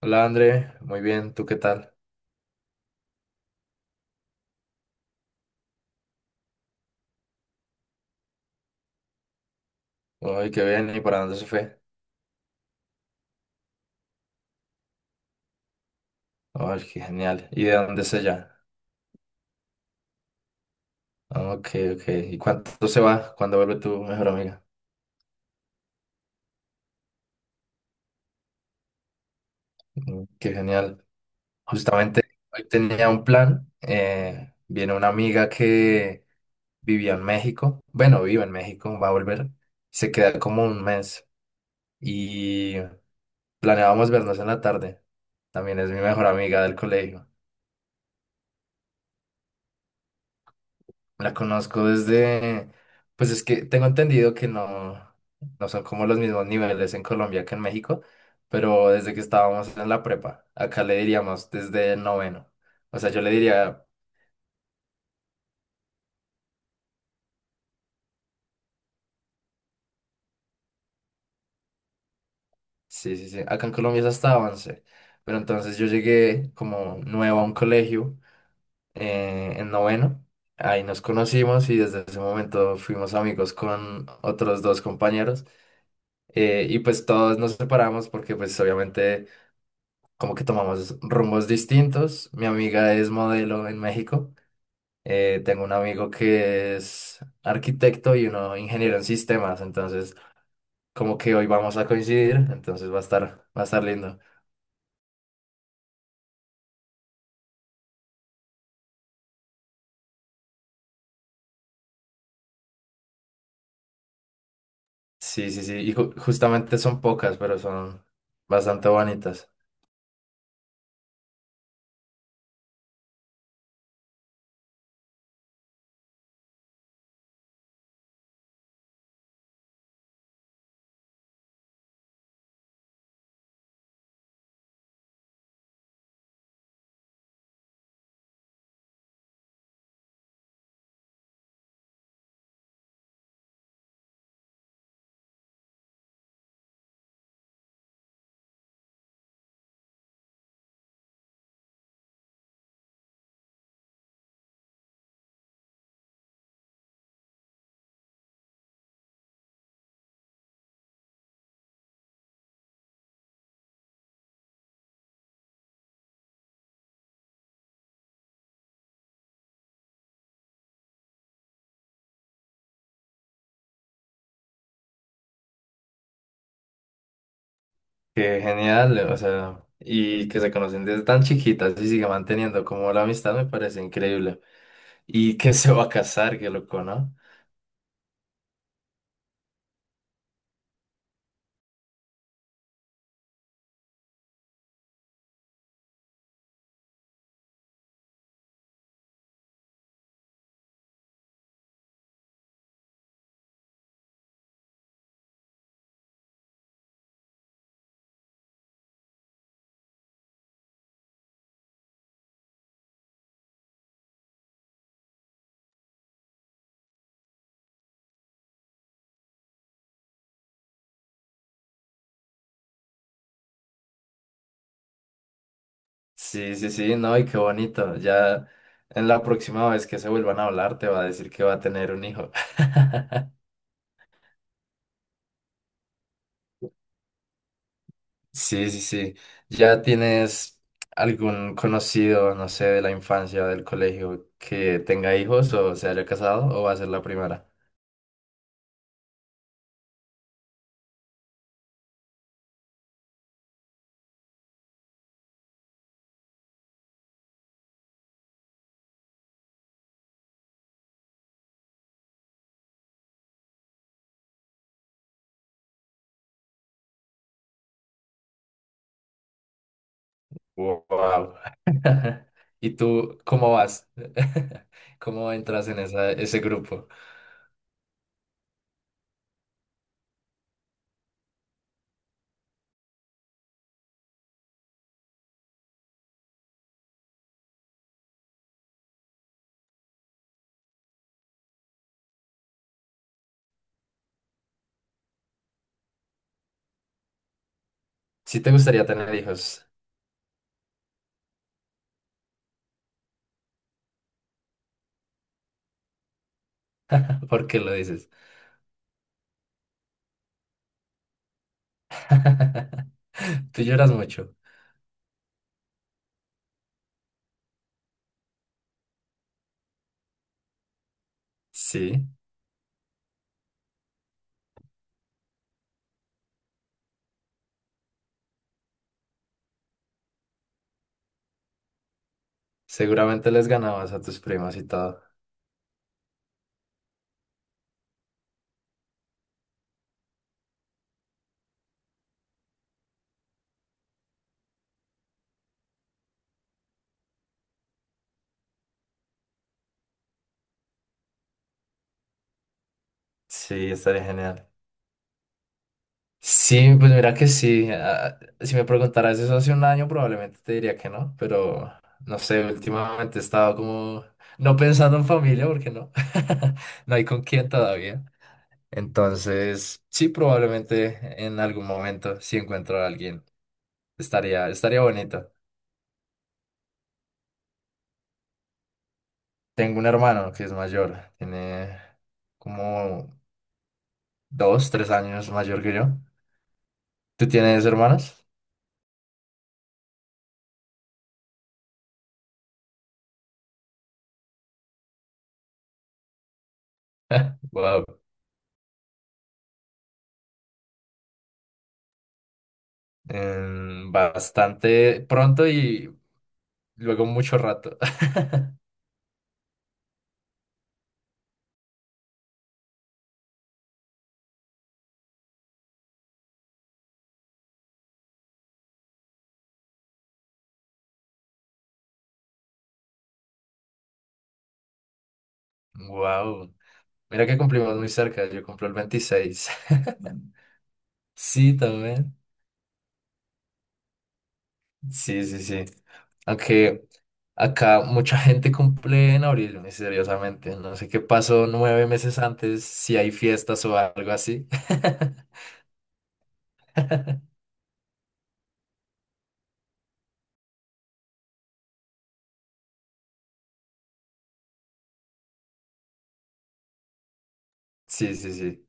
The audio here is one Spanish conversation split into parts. Hola André, muy bien, ¿tú qué tal? Ay, qué bien, ¿y para dónde se fue? Ay, qué genial, ¿y de dónde es ella? Ah, ok, ok, ¿y cuánto se va? ¿Cuándo vuelve tu mejor amiga? Mm, qué genial. Justamente hoy tenía un plan, viene una amiga que vivía en México, bueno, vive en México, va a volver, se queda como un mes y planeábamos vernos en la tarde, también es mi mejor amiga del colegio. La conozco desde, pues es que tengo entendido que no, no son como los mismos niveles en Colombia que en México, pero desde que estábamos en la prepa, acá le diríamos desde el noveno. O sea, yo le diría, sí, sí, sí, acá en Colombia es hasta 11, pero entonces yo llegué como nuevo a un colegio en noveno, ahí nos conocimos y desde ese momento fuimos amigos con otros dos compañeros y pues todos nos separamos porque pues obviamente como que tomamos rumbos distintos. Mi amiga es modelo en México. Tengo un amigo que es arquitecto y uno ingeniero en sistemas. Entonces, como que hoy vamos a coincidir. Entonces va a estar lindo. Sí, sí, sí. Y justamente son pocas, pero son bastante bonitas. Qué genial, o sea, y que se conocen desde tan chiquitas y sigue manteniendo como la amistad me parece increíble. Y que se va a casar, qué loco, ¿no? Sí, sí, sí, no, y qué bonito. Ya en la próxima vez que se vuelvan a hablar, te va a decir que va a tener un hijo. Sí, sí, sí. ¿Ya tienes algún conocido, no sé, de la infancia, del colegio, que tenga hijos o se haya casado o va a ser la primera? Wow. ¿Y tú cómo vas? ¿Cómo entras en ese grupo? Si te gustaría tener hijos, ¿por qué lo dices? Tú lloras mucho. Sí. Seguramente les ganabas a tus primas y todo. Sí, estaría genial. Sí, pues mira que sí. Ah, si me preguntaras eso hace un año, probablemente te diría que no, pero no sé, últimamente he estado como no pensando en familia porque no, no hay con quién todavía. Entonces, sí, probablemente en algún momento, si encuentro a alguien, estaría bonito. Tengo un hermano que es mayor, tiene como 2, 3 años mayor que yo. ¿Tú tienes hermanos? Wow. Bastante pronto y luego mucho rato. Wow. Mira que cumplimos muy cerca. Yo cumplo el 26. Sí, también. Sí, sí, sí. Aunque acá mucha gente cumple en abril, misteriosamente. No sé qué pasó 9 meses antes, si hay fiestas o algo así. Sí, sí, sí.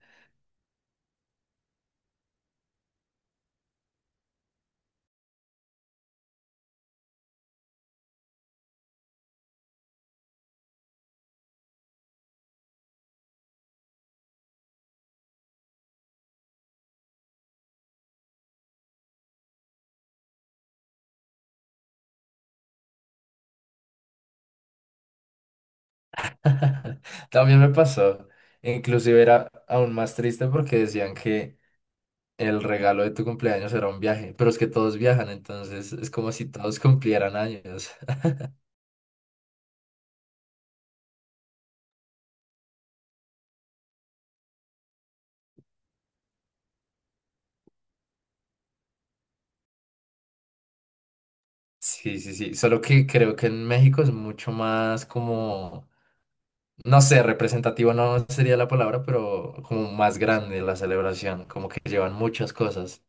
También me pasó. Inclusive era aún más triste porque decían que el regalo de tu cumpleaños era un viaje, pero es que todos viajan, entonces es como si todos cumplieran años. Sí, sí, sí, solo que creo que en México es mucho más como, no sé, representativo no sería la palabra, pero como más grande la celebración, como que llevan muchas cosas.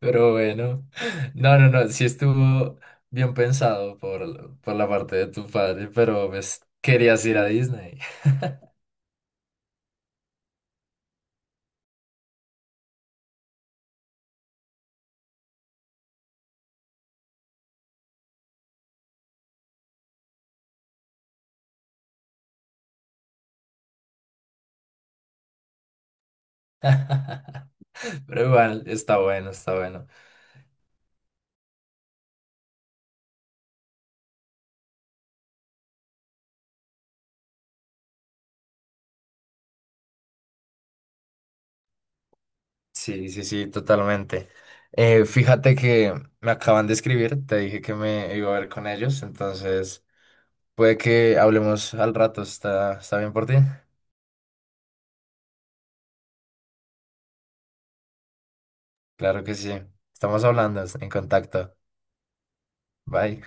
Pero bueno, no, no, no, sí estuvo bien pensado por la parte de tu padre, pero pues querías ir a Disney. Pero igual, está bueno, está bueno. Sí, sí, sí, totalmente. Fíjate que me acaban de escribir, te dije que me iba a ver con ellos, entonces puede que hablemos al rato, está bien por ti? Claro que sí, estamos hablando, en contacto. Bye.